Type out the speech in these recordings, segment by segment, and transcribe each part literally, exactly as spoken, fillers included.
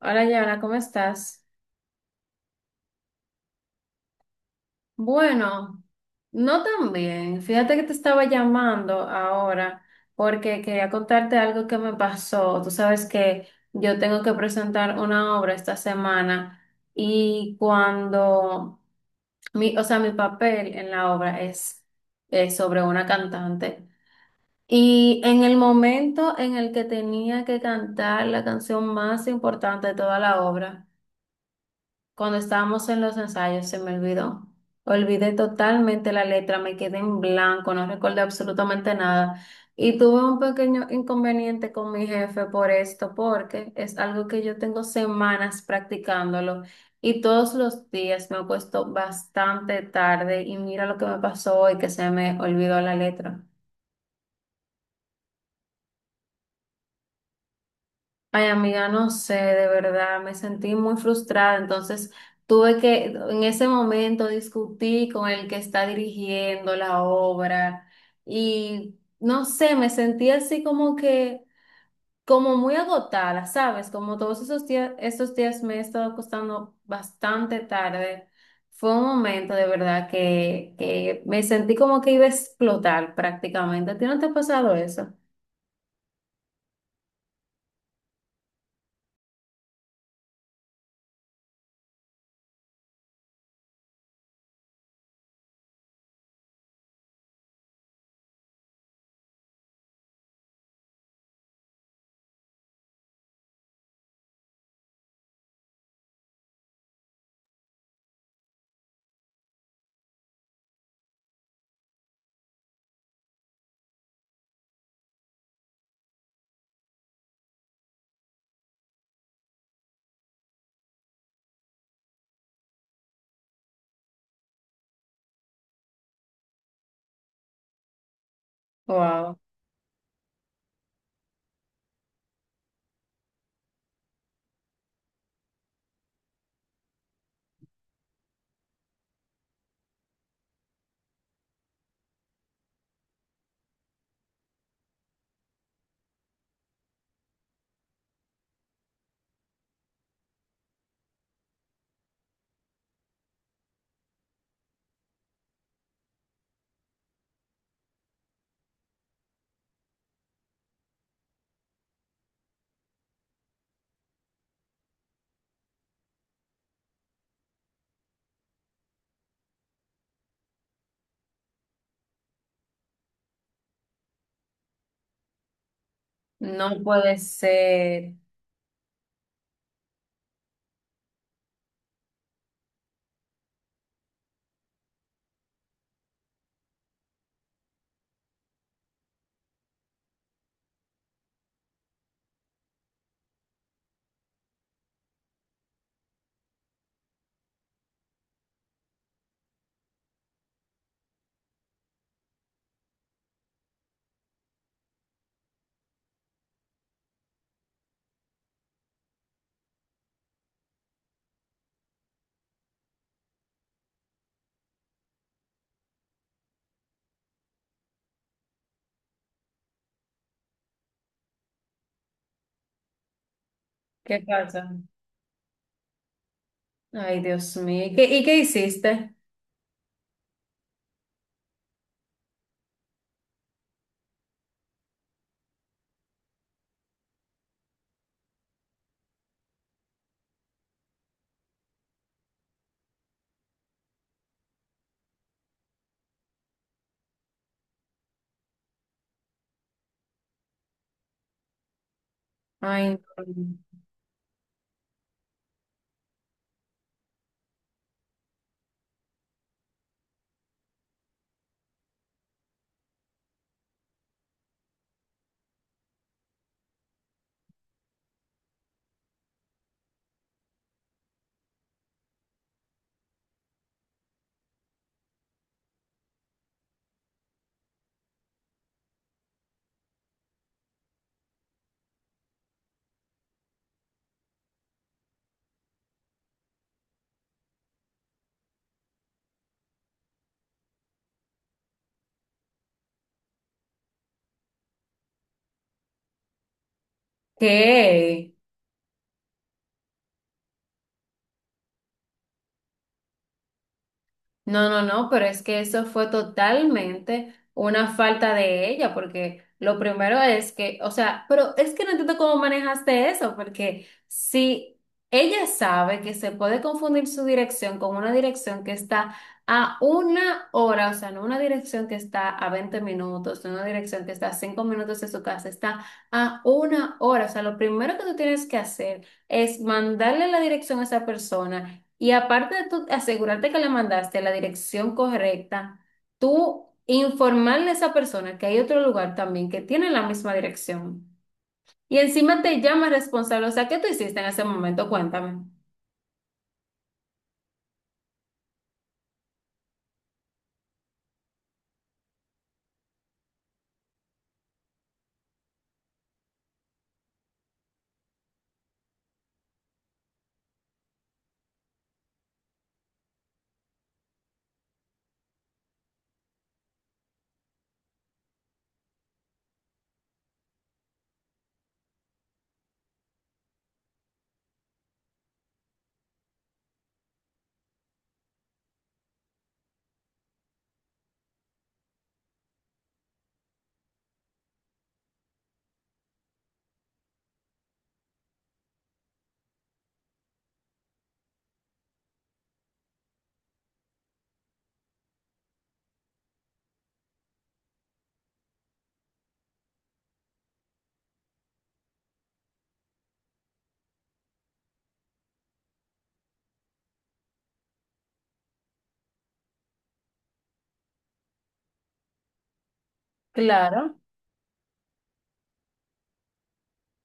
Hola, Yana, ¿cómo estás? Bueno, no tan bien. Fíjate que te estaba llamando ahora porque quería contarte algo que me pasó. Tú sabes que yo tengo que presentar una obra esta semana y cuando mi, o sea, mi papel en la obra es, es sobre una cantante. Y en el momento en el que tenía que cantar la canción más importante de toda la obra, cuando estábamos en los ensayos se me olvidó. Olvidé totalmente la letra, me quedé en blanco, no recordé absolutamente nada. Y tuve un pequeño inconveniente con mi jefe por esto, porque es algo que yo tengo semanas practicándolo y todos los días me he puesto bastante tarde y mira lo que me pasó hoy, que se me olvidó la letra. Ay, amiga, no sé, de verdad, me sentí muy frustrada. Entonces, tuve que, en ese momento, discutí con el que está dirigiendo la obra y, no sé, me sentí así como que, como muy agotada, ¿sabes? Como todos esos días, esos días me he estado acostando bastante tarde. Fue un momento de verdad que, que me sentí como que iba a explotar prácticamente. ¿A ti no te ha pasado eso? Wow, no puede ser. ¿Qué pasa? Ay, Dios mío. ¿Y qué, y qué hiciste? Ay, no. ¿Qué? No, no, no, pero es que eso fue totalmente una falta de ella, porque lo primero es que, o sea, pero es que no entiendo cómo manejaste eso, porque si ella sabe que se puede confundir su dirección con una dirección que está a una hora, o sea, no una dirección que está a veinte minutos, no una dirección que está a cinco minutos de su casa, está a una hora, o sea, lo primero que tú tienes que hacer es mandarle la dirección a esa persona y aparte de tú asegurarte que le mandaste a la dirección correcta, tú informarle a esa persona que hay otro lugar también que tiene la misma dirección. Y encima te llama responsable. O sea, ¿qué tú hiciste en ese momento? Cuéntame. Claro.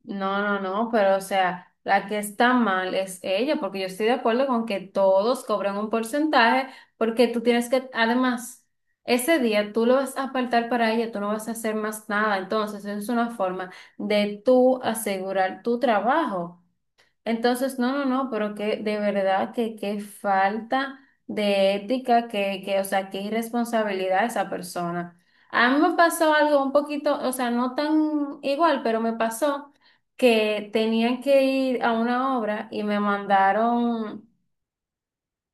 No, no, no, pero o sea, la que está mal es ella, porque yo estoy de acuerdo con que todos cobran un porcentaje, porque tú tienes que, además, ese día tú lo vas a apartar para ella, tú no vas a hacer más nada, entonces es una forma de tú asegurar tu trabajo. Entonces, no, no, no, pero que de verdad que qué falta de ética, que, que, o sea, qué irresponsabilidad esa persona. A mí me pasó algo un poquito, o sea, no tan igual, pero me pasó que tenían que ir a una obra y me mandaron.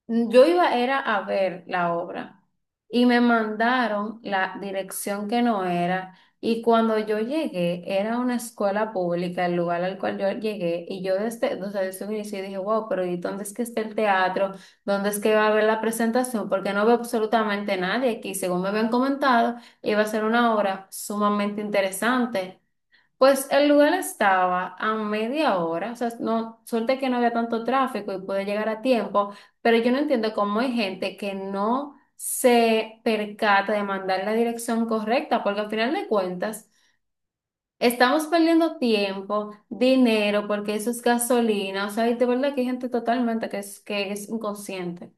Mm, yo iba era a ver la obra y me mandaron la dirección que no era y cuando yo llegué era una escuela pública el lugar al cual yo llegué y yo desde, o sea, desde un inicio dije, wow, pero ¿y dónde es que está el teatro? ¿Dónde es que va a haber la presentación? Porque no veo absolutamente nadie aquí. Según me habían comentado, iba a ser una obra sumamente interesante. Pues el lugar estaba a media hora, o sea, no, suerte que no había tanto tráfico y pude llegar a tiempo, pero yo no entiendo cómo hay gente que no se percata de mandar la dirección correcta, porque al final de cuentas estamos perdiendo tiempo, dinero, porque eso es gasolina, o sea, y de verdad que hay gente totalmente que es, que es inconsciente.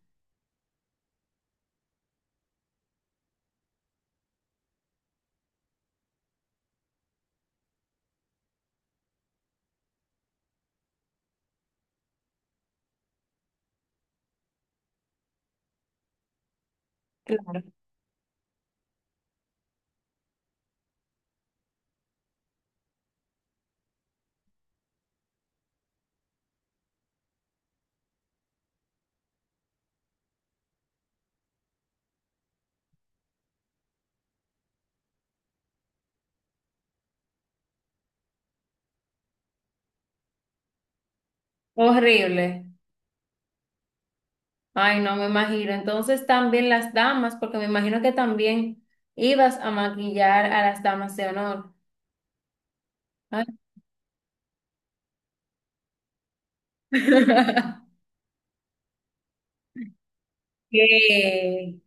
Claro. Horrible. Ay, no me imagino. Entonces también las damas, porque me imagino que también ibas a maquillar a las damas de honor. Ay, qué.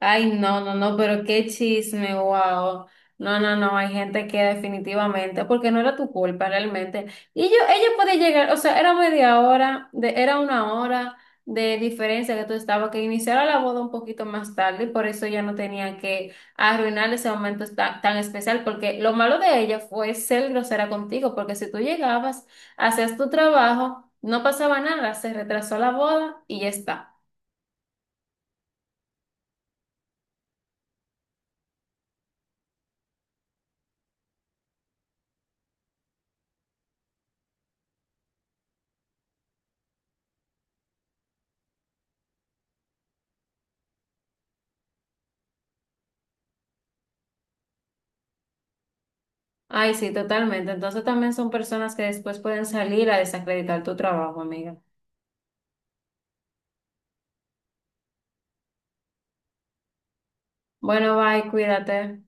Ay, no, no, no, pero qué chisme, wow. No, no, no, hay gente que definitivamente, porque no era tu culpa realmente. Y yo, ella podía llegar, o sea, era media hora, de, era una hora de diferencia que tú estabas, que iniciara la boda un poquito más tarde, y por eso ella no tenía que arruinar ese momento ta- tan, especial, porque lo malo de ella fue ser grosera contigo, porque si tú llegabas, hacías tu trabajo, no pasaba nada, se retrasó la boda y ya está. Ay, sí, totalmente. Entonces también son personas que después pueden salir a desacreditar tu trabajo, amiga. Bueno, bye, cuídate.